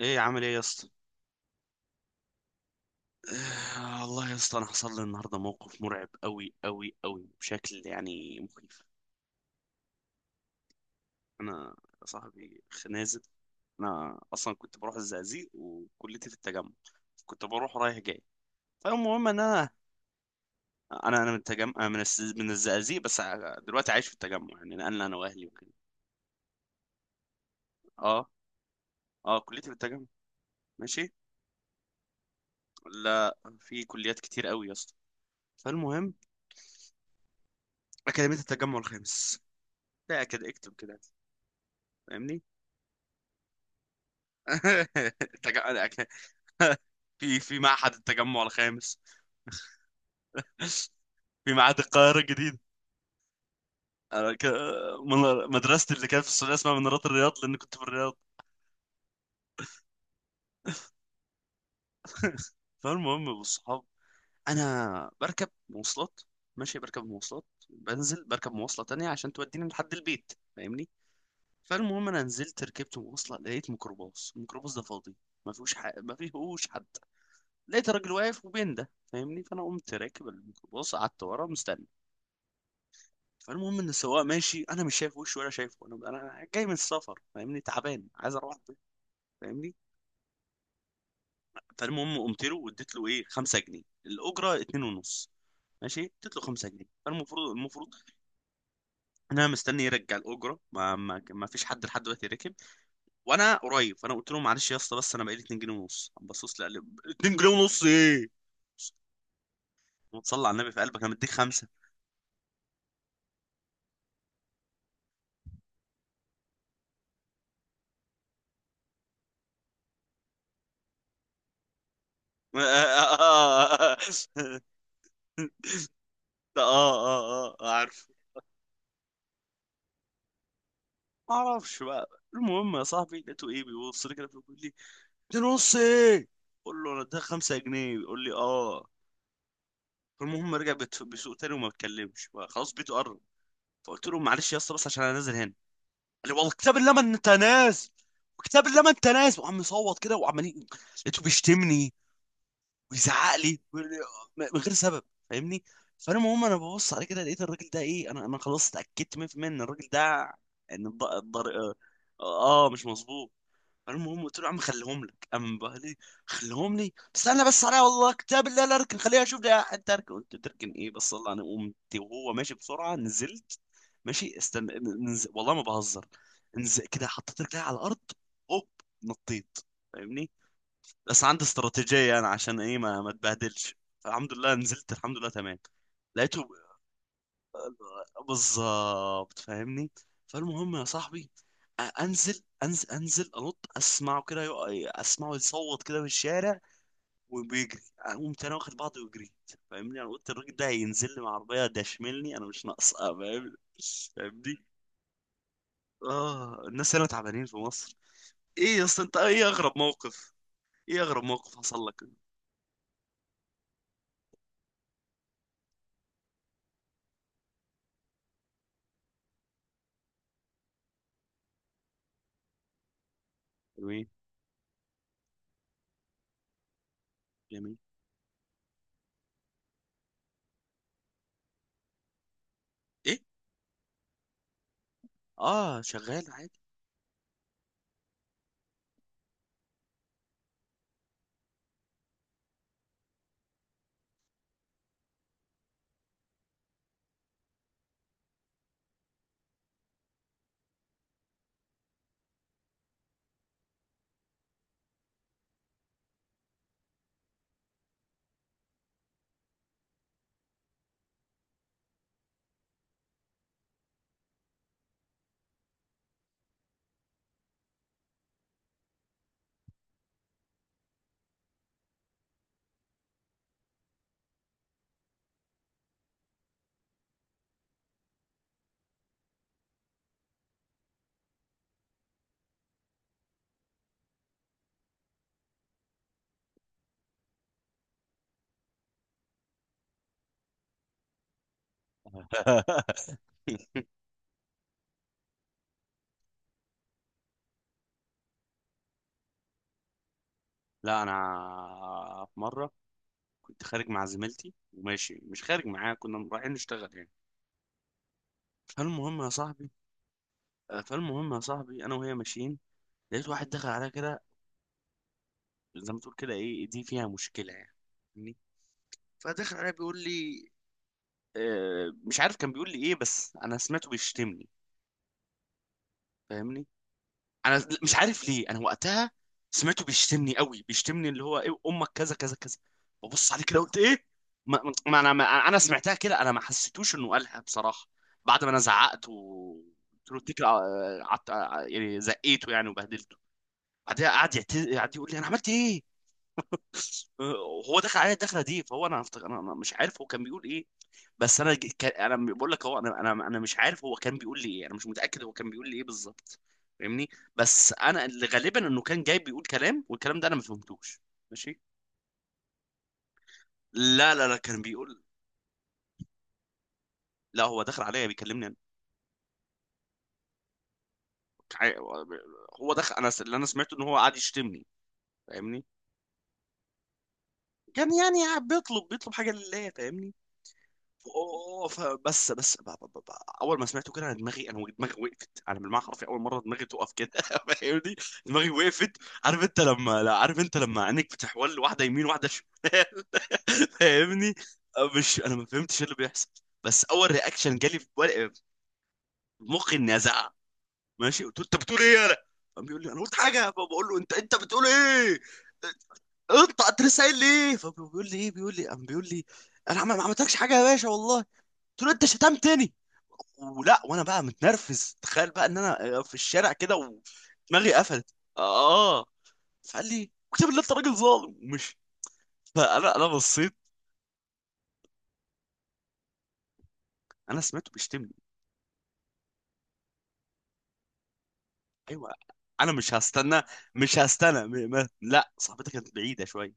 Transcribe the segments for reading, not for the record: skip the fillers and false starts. ايه عامل ايه يا اسطى؟ آه، والله يا اسطى انا حصل لي النهارده موقف مرعب قوي قوي قوي بشكل يعني مخيف. انا يا صاحبي خنازل. انا اصلا كنت بروح الزقازيق وكليتي في التجمع. كنت بروح رايح جاي. فالمهم ان انا انا من التجمع من الزقازيق بس دلوقتي عايش في التجمع يعني نقلنا انا واهلي وكده. اه، اه كليتي في التجمع. ماشي. لا في كليات كتير قوي يا اسطى. فالمهم. اكاديميه التجمع الخامس. لا كده اكتب كده. فاهمني. تجمع. في معهد التجمع الخامس. في معهد القاهرة الجديدة. أنا ك... مدرستي اللي كانت في السعودية اسمها منارات الرياض لأن كنت في الرياض. فالمهم بالصحاب. أنا بركب مواصلات. ماشي بركب مواصلات بنزل بركب مواصلة تانية عشان توديني لحد البيت فاهمني. فالمهم أنا نزلت ركبت مواصلة لقيت ميكروباص الميكروباص ده فاضي. ما فيهوش حد. لقيت راجل واقف وبين ده فاهمني فأنا قمت راكب الميكروباص قعدت ورا مستني. فالمهم ان السواق ماشي انا مش شايف وشه ولا شايفه انا جاي من السفر فاهمني تعبان عايز اروح البيت فاهمني. فالمهم قمت له واديت له ايه 5 جنيه الاجره 2 ونص. ماشي اديت له 5 جنيه فالمفروض ان انا مستني يرجع الاجره، ما فيش حد لحد دلوقتي ركب. وانا قريب فانا قلت له معلش يا اسطى بس انا بقالي 2 جنيه ونص. قام بصص لي قال لي: 2 جنيه ونص ايه؟ وتصلى على النبي في قلبك انا مديك خمسه. اه، اه، اه، آه، آه، آه، آه، آه، آه، آه، آه، آه، آه، آه، آه، آه، آه. ما اعرفش بقى. المهم يا صاحبي لقيته ايه بيبص لي كده بيقول لي: ده نص ايه؟ بقول له ده 5 جنيه بيقول لي اه. فالمهم رجع بيسوق تاني وما اتكلمش بقى، خلاص بيته قرب. فقلت له معلش يا اسطى بس عشان انا نازل هنا. قال لي والله كتاب الله ما انت نازل. كتاب الله ما انت نازل. وعم يصوت كده لقيته بيشتمني ويزعق لي ويقول لي من غير سبب. فاهمني. فالمهم انا ببص عليه كده لقيت الراجل ده ايه. انا خلاص اتاكدت 100% ان الراجل ده، ان الض... الضر... اه، آه، مش مظبوط. المهم قلت له يا عم خليهم لك. قام بقى لي: خليهم لي استنى بس عليا والله كتاب الله لا اركن خليها اشوف ده. انت اركن! قلت له تركن ايه بس الله. انا قمت وهو ماشي بسرعه نزلت. ماشي استم... والله ما بهزر، كده حطيت رجلي على الارض هوب نطيت. فاهمني. بس عندي استراتيجيه انا عشان ايه ما اتبهدلش. فالحمد لله نزلت الحمد لله تمام. لقيته. بالظبط فاهمني. فالمهم يا صاحبي انزل انزل انزل، اسمعه كده، اسمعه يصوت كده في الشارع وبيجري. اقوم تاني واخد بعضي وجريت. فاهمني. انا قلت الراجل ده هينزل لي من عربيه ده يشملني انا، مش ناقصه فاهم. فاهمني. اه الناس هنا تعبانين في مصر. ايه يا اسطى انت، ايه اغرب موقف؟ ايه اغرب موقف حصل لك؟ جميل. جميل. ايه؟ اه شغال عادي. لا انا في مره كنت خارج مع زميلتي، وماشي مش خارج معاها، كنا رايحين نشتغل يعني. فالمهم يا صاحبي. آه، فالمهم يا صاحبي انا وهي ماشيين. لقيت واحد دخل عليا كده زي ما تقول كده ايه دي فيها مشكله يعني. فاهمني؟ فدخل عليا بيقول لي. آه، مش عارف كان بيقول لي ايه، بس انا سمعته بيشتمني. فاهمني. انا مش عارف ليه انا وقتها سمعته بيشتمني قوي، بيشتمني اللي هو ايه امك كذا كذا كذا. ببص عليه كده قلت ايه. ما انا سمعتها كده. انا ما حسيتوش انه قالها بصراحه. بعد ما انا زعقت وقلت له، قعدت يعني زقيته يعني وبهدلته. بعدها قعد يقول لي انا عملت ايه. أه. هو دخل عليا الدخله دي فهو، انا هفتكر انا مش عارف هو كان بيقول ايه. بس انا كان انا بقول لك هو، انا مش عارف هو كان بيقول لي ايه. انا مش متاكد هو كان بيقول لي ايه بالظبط. فاهمني. بس انا اللي غالبا انه كان جاي بيقول كلام والكلام ده انا ما فهمتوش. ماشي. لا لا لا كان بيقول. لا هو دخل عليا بيكلمني انا. ع- هو دخل انا اللي انا سمعته ان هو قاعد يشتمني. فاهمني. كان يعني قاعد بيطلب حاجه لله. فاهمني. اوف. بس اول ما سمعته كده، انا دماغي وقفت. انا بالمعنى حرفي اول مره دماغي تقف كده فاهمني. دماغي وقفت. عارف انت لما لا عارف انت لما عينك بتحول واحده يمين واحده شمال. فاهمني. مش انا، ما فهمتش إيه اللي بيحصل. بس اول رياكشن جالي في في مخي اني ازعق. ماشي، قلت له انت بتقول ايه؟ يالا. قام بيقول لي انا قلت حاجه. فبقول له: انت بتقول ايه؟ انت لسه قايل لي ايه؟ فبيقول لي ايه، بيقول لي قام بيقول لي: انا ما عملتلكش حاجه يا باشا والله. قلت له انت شتمتني تاني؟ ولا. وانا بقى متنرفز تخيل بقى ان انا في الشارع كده ودماغي قفلت، اه. فقال لي اكتب بالله انت راجل ظالم ومشي. فانا بصيت. انا سمعته بيشتمني. ايوه. انا مش هستنى. مش هستنى م... ما... لا صاحبتك كانت بعيده شويه.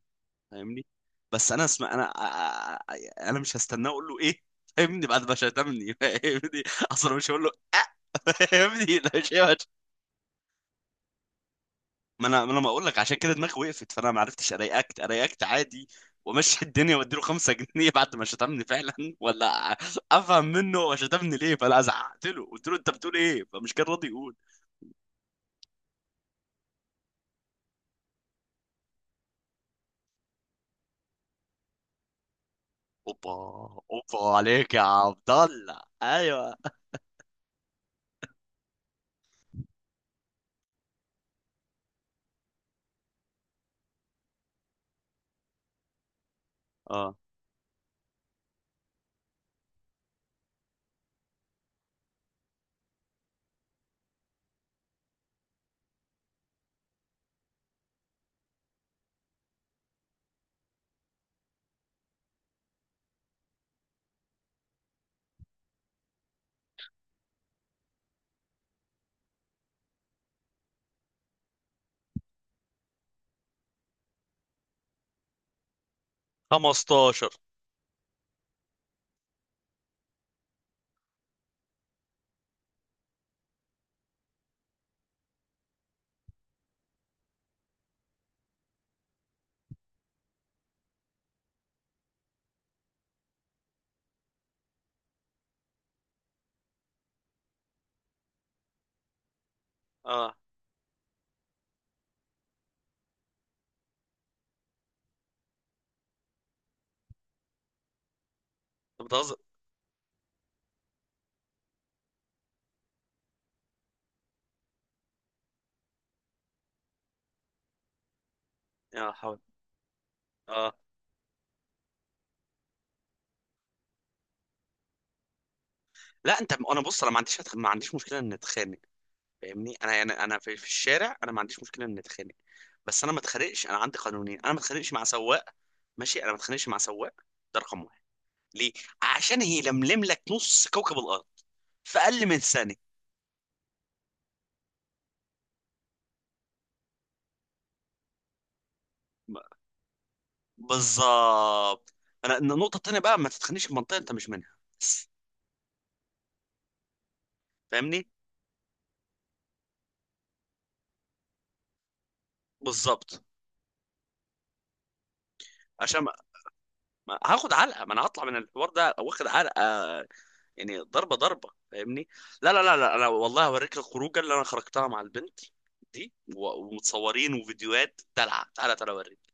فاهمني. بس انا اسمع، انا مش هستناه اقول له ايه. فاهمني، بعد ما شتمني فاهمني. اصلا مش هقول له. آه. فاهمني، لا شيء. ما انا بقول لك عشان كده دماغي وقفت. فانا ما عرفتش ارياكت، عادي وامشي. الدنيا واديله 5 جنيه بعد ما شتمني فعلا ولا افهم منه هو شتمني ليه. فانا زعقت له قلت له انت بتقول ايه، فمش كان راضي يقول. اوبا. اوبا عليك يا عبد الله. ايوه. اه. 15. اه انت بتهزر. يا حول. اه لا انت، انا بص، انا ما عنديش مشكله ان اتخانق. فاهمني، انا في الشارع انا ما عنديش مشكله ان اتخانق. بس انا ما اتخانقش، انا عندي قانونين. انا ما اتخانقش مع سواق. ماشي، انا ما اتخانقش مع سواق. ده رقم واحد. ليه؟ عشان هي لملم لك نص كوكب الارض في اقل من ثانيه. ب- بالظبط. انا النقطه التانيه بقى، ما تتخانقش في منطقه انت مش منها بس. فاهمني. بالظبط. عشان ما هاخد علقه. ما انا هطلع من الحوار ده أو واخد علقه. يعني ضربه ضربه. فاهمني. لا لا لا لا، انا والله هوريك الخروجه اللي انا خرجتها مع البنت دي ومتصورين وفيديوهات دلع. تعالى تعالى اوريك.